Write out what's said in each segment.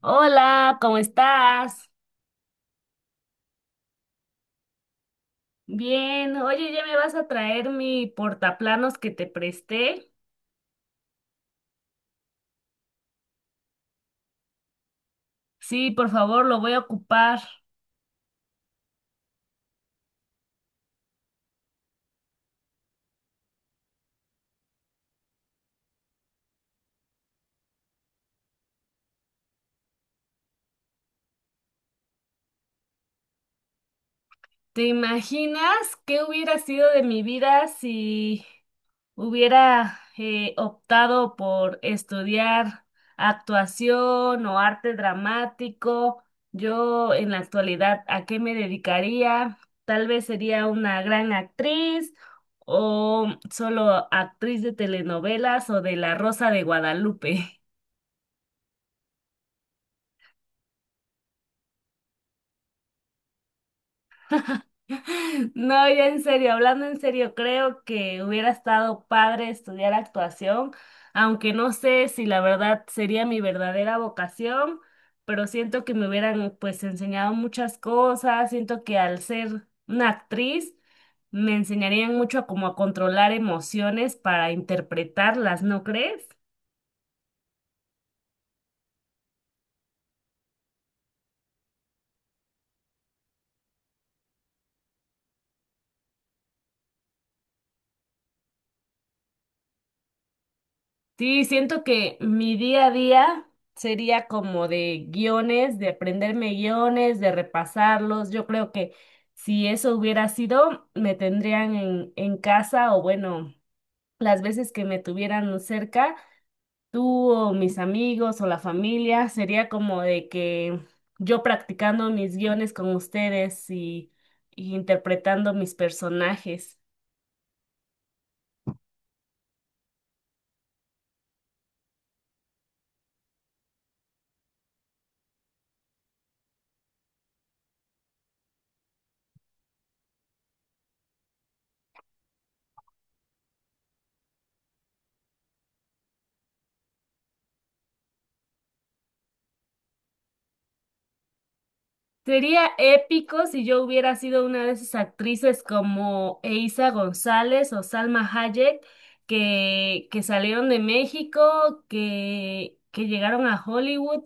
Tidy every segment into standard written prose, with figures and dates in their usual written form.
Hola, ¿cómo estás? Bien, oye, ¿ya me vas a traer mi portaplanos que te presté? Sí, por favor, lo voy a ocupar. ¿Te imaginas qué hubiera sido de mi vida si hubiera optado por estudiar actuación o arte dramático? Yo en la actualidad, ¿a qué me dedicaría? Tal vez sería una gran actriz o solo actriz de telenovelas o de La Rosa de Guadalupe. No, ya en serio, hablando en serio, creo que hubiera estado padre estudiar actuación, aunque no sé si la verdad sería mi verdadera vocación, pero siento que me hubieran pues enseñado muchas cosas. Siento que al ser una actriz me enseñarían mucho a cómo a controlar emociones para interpretarlas, ¿no crees? Sí, siento que mi día a día sería como de guiones, de aprenderme guiones, de repasarlos. Yo creo que si eso hubiera sido, me tendrían en casa o bueno, las veces que me tuvieran cerca, tú o mis amigos o la familia, sería como de que yo practicando mis guiones con ustedes y interpretando mis personajes. Sería épico si yo hubiera sido una de esas actrices como Eiza González o Salma Hayek que salieron de México, que llegaron a Hollywood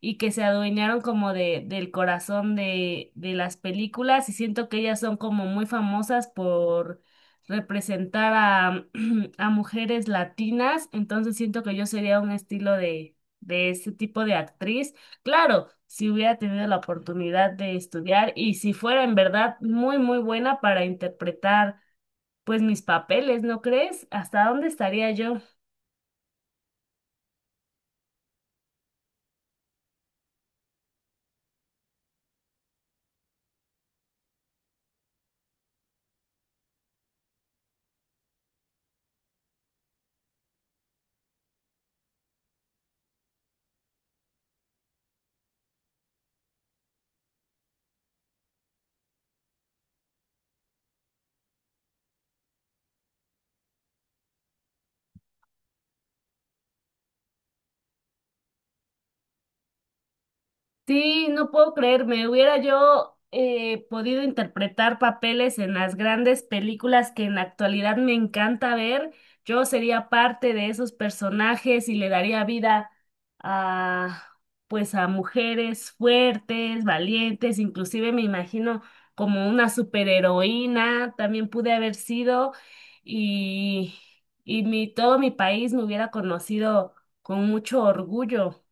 y que se adueñaron como del corazón de las películas. Y siento que ellas son como muy famosas por representar a, a mujeres latinas. Entonces siento que yo sería un estilo de ese tipo de actriz. Claro, si hubiera tenido la oportunidad de estudiar y si fuera en verdad muy, muy buena para interpretar pues mis papeles, ¿no crees? ¿Hasta dónde estaría yo? Sí, no puedo creerme. Hubiera yo podido interpretar papeles en las grandes películas que en la actualidad me encanta ver. Yo sería parte de esos personajes y le daría vida a, pues, a mujeres fuertes, valientes. Inclusive me imagino como una superheroína. También pude haber sido, y y mi todo mi país me hubiera conocido con mucho orgullo.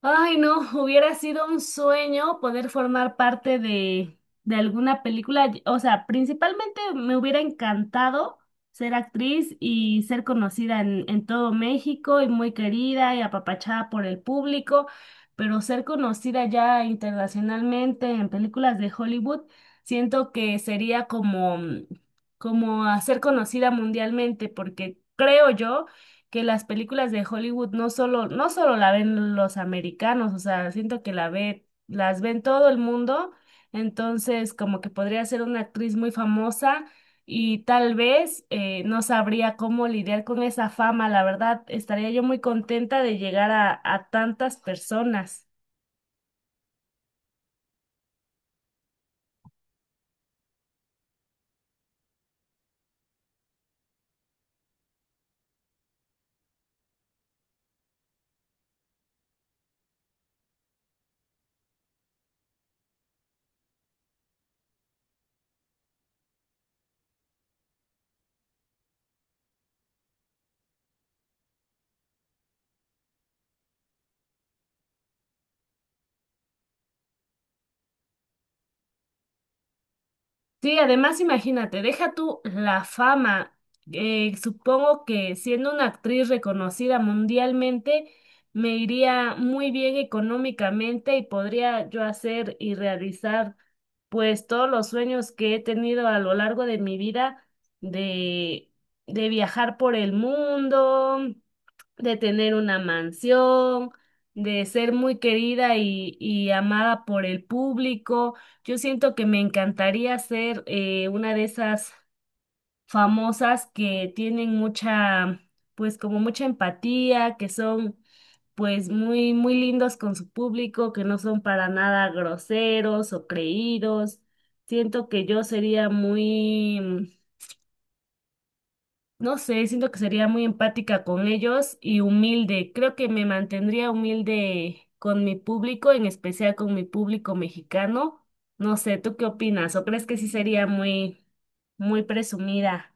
Ay, no, hubiera sido un sueño poder formar parte de alguna película. O sea, principalmente me hubiera encantado ser actriz y ser conocida en todo México y muy querida y apapachada por el público, pero ser conocida ya internacionalmente en películas de Hollywood, siento que sería como, como a ser conocida mundialmente, porque creo yo que las películas de Hollywood no solo la ven los americanos. O sea, siento que la ve, las ven todo el mundo. Entonces como que podría ser una actriz muy famosa y tal vez no sabría cómo lidiar con esa fama, la verdad. Estaría yo muy contenta de llegar a tantas personas. Sí, además imagínate, deja tú la fama. Supongo que siendo una actriz reconocida mundialmente, me iría muy bien económicamente y podría yo hacer y realizar pues todos los sueños que he tenido a lo largo de mi vida de, de viajar por el mundo, de tener una mansión, de ser muy querida y amada por el público. Yo siento que me encantaría ser una de esas famosas que tienen mucha, pues como mucha empatía, que son pues muy, muy lindos con su público, que no son para nada groseros o creídos. Siento que yo sería muy, no sé, siento que sería muy empática con ellos y humilde. Creo que me mantendría humilde con mi público, en especial con mi público mexicano. No sé, ¿tú qué opinas? ¿O crees que sí sería muy, muy presumida?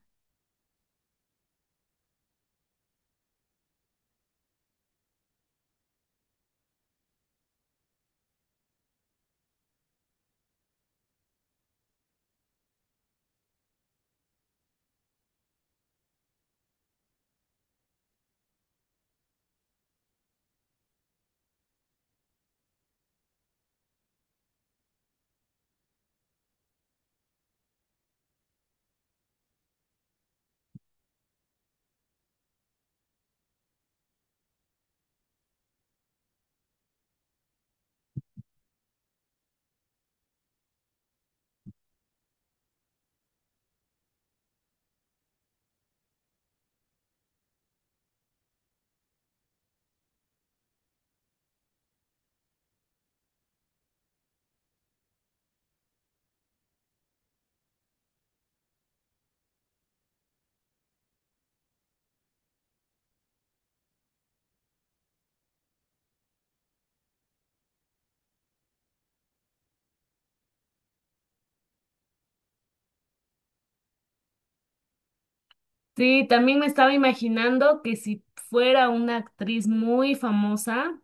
Sí, también me estaba imaginando que si fuera una actriz muy famosa,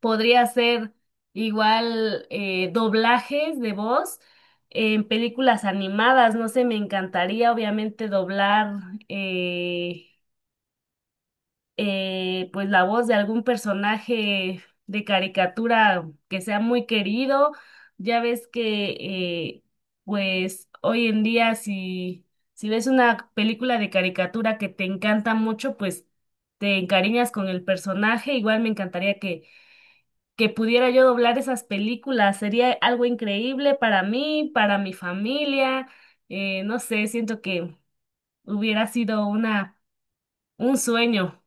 podría hacer igual doblajes de voz en películas animadas. No sé, me encantaría obviamente doblar. eh, pues la voz de algún personaje de caricatura que sea muy querido. Ya ves que pues hoy en día si ves una película de caricatura que te encanta mucho, pues te encariñas con el personaje. Igual me encantaría que pudiera yo doblar esas películas. Sería algo increíble para mí, para mi familia. No sé, siento que hubiera sido una, un sueño.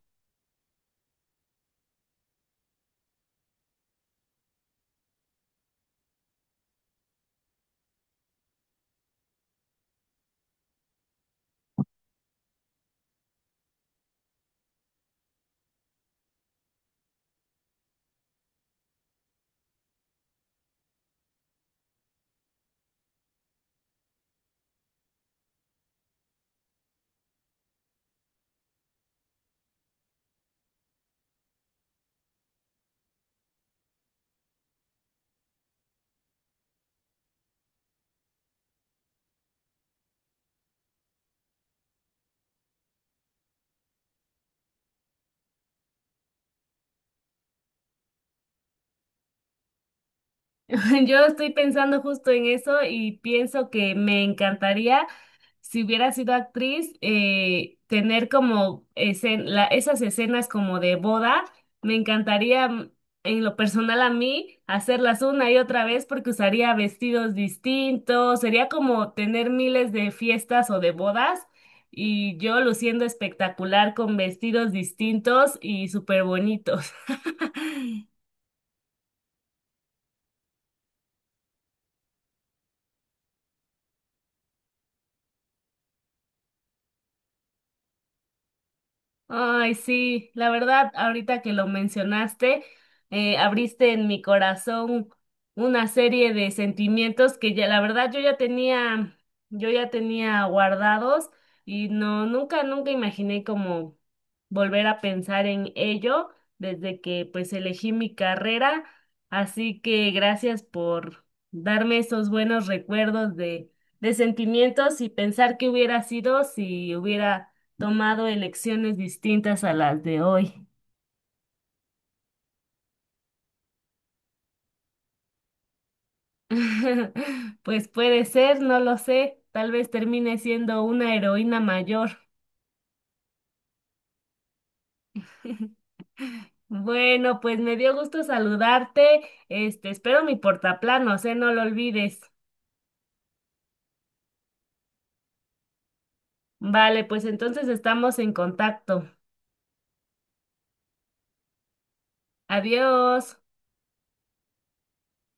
Yo estoy pensando justo en eso y pienso que me encantaría, si hubiera sido actriz, tener como esas escenas como de boda. Me encantaría, en lo personal a mí, hacerlas una y otra vez porque usaría vestidos distintos. Sería como tener miles de fiestas o de bodas y yo luciendo espectacular con vestidos distintos y súper bonitos. Ay, sí, la verdad, ahorita que lo mencionaste, abriste en mi corazón una serie de sentimientos que ya, la verdad, yo ya tenía guardados y no, nunca, nunca imaginé como volver a pensar en ello desde que pues elegí mi carrera. Así que gracias por darme esos buenos recuerdos de sentimientos y pensar qué hubiera sido si hubiera tomado elecciones distintas a las de hoy. Pues puede ser, no lo sé. Tal vez termine siendo una heroína mayor. Bueno, pues me dio gusto saludarte. Este, espero mi portaplanos, ¿eh? No lo olvides. Vale, pues entonces estamos en contacto. Adiós.